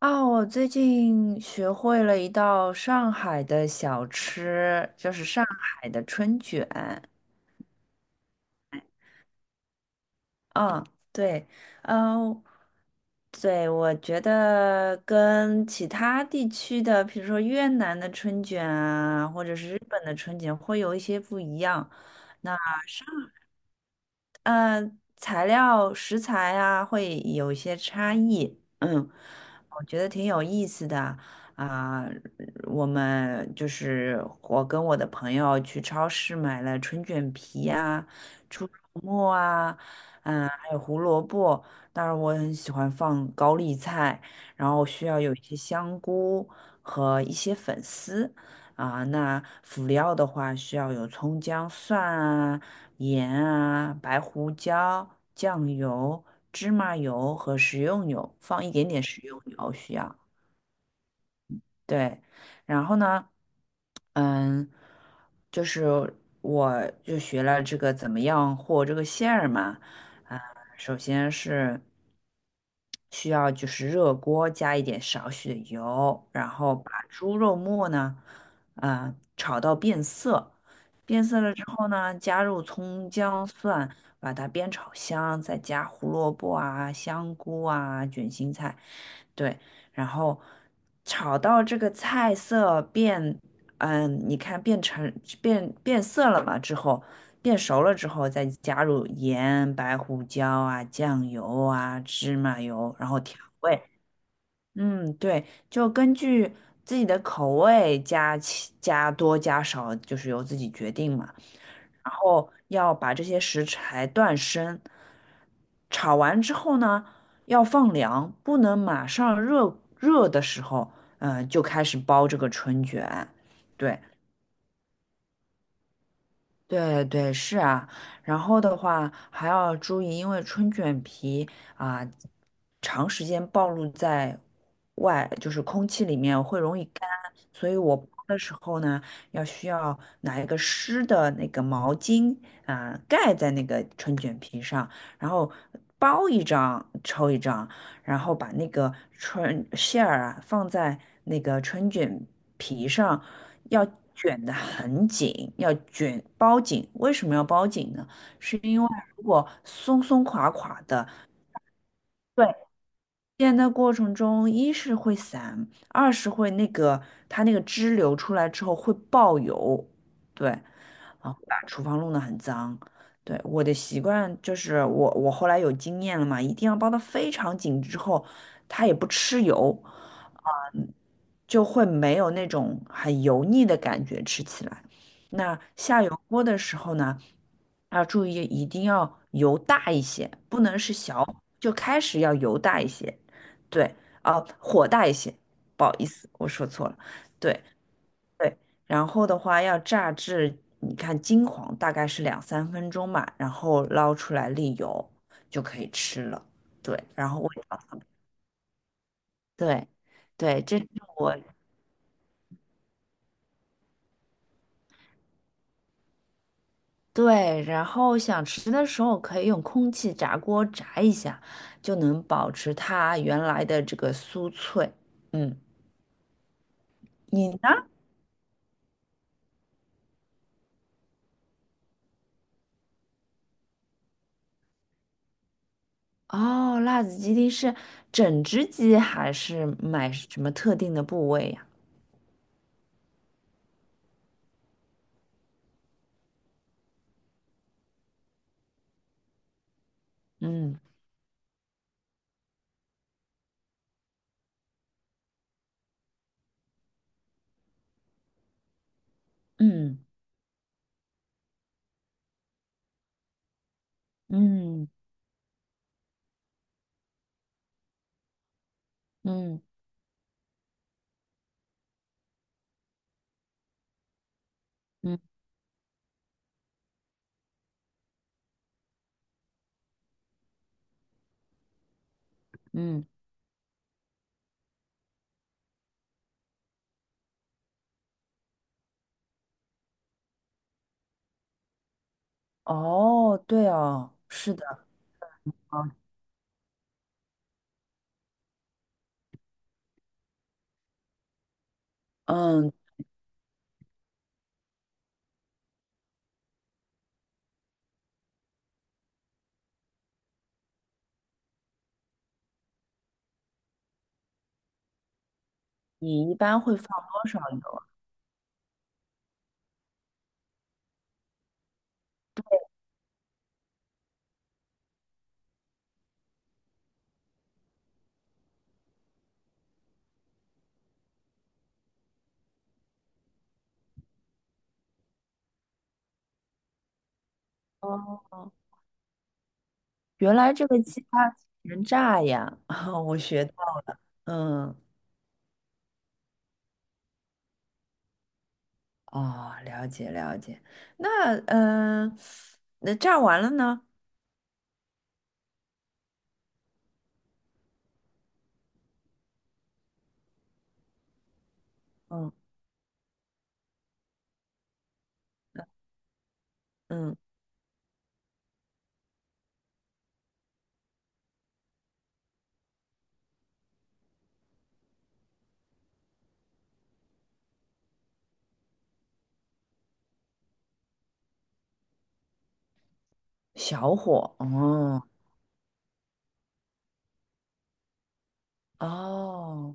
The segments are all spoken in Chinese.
啊，我最近学会了一道上海的小吃，就是上海的春卷。嗯，对，嗯，对，我觉得跟其他地区的，比如说越南的春卷啊，或者是日本的春卷，会有一些不一样。嗯、材料食材啊会有一些差异，嗯，我觉得挺有意思的啊、我们就是我跟我的朋友去超市买了春卷皮啊、猪肉末啊，嗯、还有胡萝卜。当然，我很喜欢放高丽菜，然后需要有一些香菇和一些粉丝。啊，那辅料的话需要有葱姜蒜啊、盐啊、白胡椒、酱油、芝麻油和食用油，放一点点食用油需要。对，然后呢，嗯，就是我就学了这个怎么样和这个馅儿嘛，啊，首先是需要就是热锅加一点少许的油，然后把猪肉末呢，啊，炒到变色，变色了之后呢，加入葱姜蒜，把它煸炒香，再加胡萝卜啊、香菇啊、卷心菜。对，然后炒到这个菜色变，嗯，你看变成变色了嘛之后，变熟了之后，再加入盐、白胡椒啊、酱油啊、芝麻油，然后调味。嗯，对，就根据自己的口味加多加少，就是由自己决定嘛。然后要把这些食材断生。炒完之后呢，要放凉，不能马上热热的时候，就开始包这个春卷。对，对对，是啊，然后的话还要注意，因为春卷皮啊，长时间暴露在外，就是空气里面会容易干，所以我包的时候呢，需要拿一个湿的那个毛巾啊，盖在那个春卷皮上，然后包一张抽一张，然后把那个春馅儿啊放在那个春卷皮上，要卷得很紧，要卷包紧。为什么要包紧呢？是因为如果松松垮垮的，对，煎的过程中，一是会散，二是会那个它那个汁流出来之后会爆油，对，啊，把厨房弄得很脏。对，我的习惯就是我后来有经验了嘛，一定要包得非常紧之后，它也不吃油，嗯就会没有那种很油腻的感觉吃起来。那下油锅的时候呢，要注意一定要油大一些，不能是小，就开始要油大一些。对，啊，火大一些，不好意思，我说错了。对对，然后的话要炸至，你看金黄，大概是两三分钟吧，然后捞出来沥油就可以吃了。对，然后味道，对对，这是我对，然后想吃的时候可以用空气炸锅炸一下，就能保持它原来的这个酥脆。嗯，你呢？哦，辣子鸡丁是整只鸡还是买什么特定的部位呀？嗯嗯嗯嗯嗯嗯，哦，对哦，是的啊，嗯，你一般会放多少油啊？哦，原来这个鸡它能炸呀，我学到，嗯，哦，了解了解，那嗯，呃那炸完了呢？嗯嗯，小火，哦哦。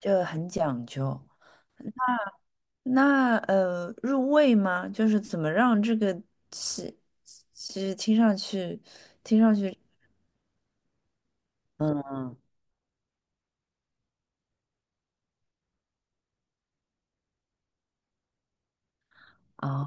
这很讲究。那入味吗？就是怎么让这个其其实听上去，嗯嗯啊，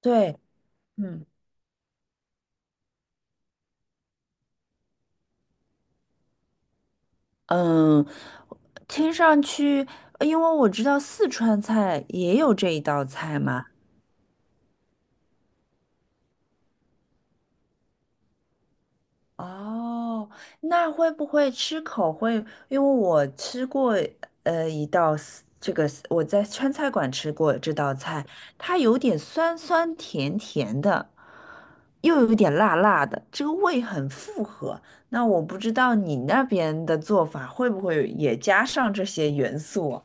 对，嗯嗯，听上去，因为我知道四川菜也有这一道菜嘛。哦，那会不会吃口会？因为我吃过呃一道 s- 这个 s- 我在川菜馆吃过这道菜，它有点酸酸甜甜的，又有点辣辣的，这个味很复合。那我不知道你那边的做法会不会也加上这些元素啊？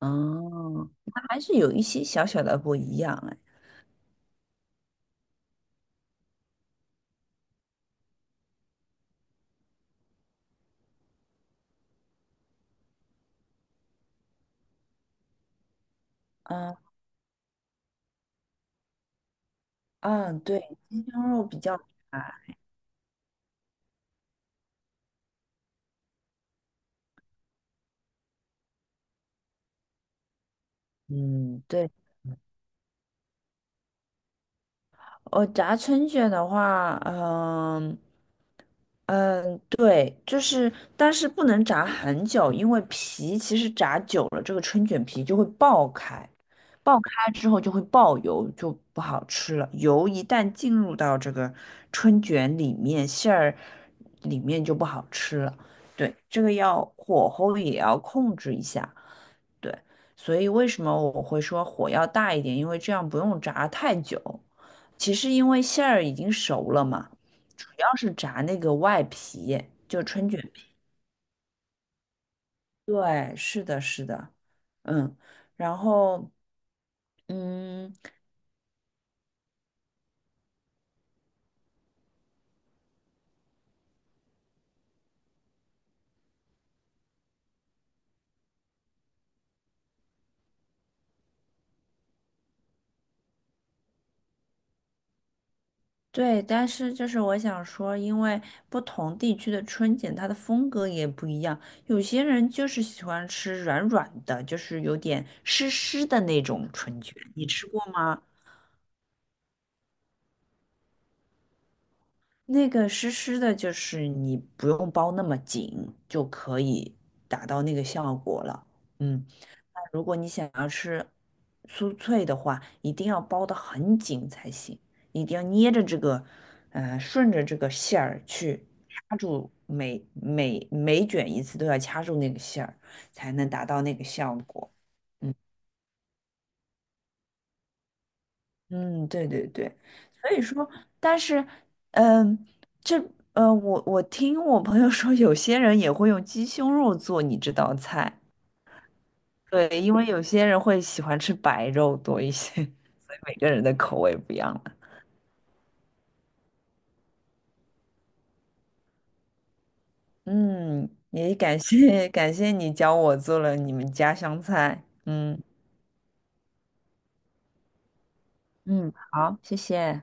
哦，那还是有一些小小的不一样哎。嗯嗯，对，鸡胸肉比较辣，嗯，对。哦，炸春卷的话，嗯嗯，对，就是，但是不能炸很久，因为皮其实炸久了，这个春卷皮就会爆开，爆开之后就会爆油，就不好吃了。油一旦进入到这个春卷里面，馅儿里面就不好吃了。对，这个要火候也要控制一下。对，所以为什么我会说火要大一点？因为这样不用炸太久。其实因为馅儿已经熟了嘛，主要是炸那个外皮，就春卷皮。对，是的，是的，嗯，然后嗯，对，但是就是我想说，因为不同地区的春卷它的风格也不一样，有些人就是喜欢吃软软的，就是有点湿湿的那种春卷，你吃过吗？那个湿湿的，就是你不用包那么紧就可以达到那个效果了。嗯，那如果你想要吃酥脆的话，一定要包得很紧才行，一定要捏着这个，顺着这个馅儿去掐住每卷一次都要掐住那个馅儿，才能达到那个效果。嗯，对对对，所以说，但是，嗯，这，我听我朋友说，有些人也会用鸡胸肉做你这道菜，对，因为有些人会喜欢吃白肉多一些，所以每个人的口味不一样了。嗯，也感谢感谢你教我做了你们家乡菜，嗯嗯，好，谢谢。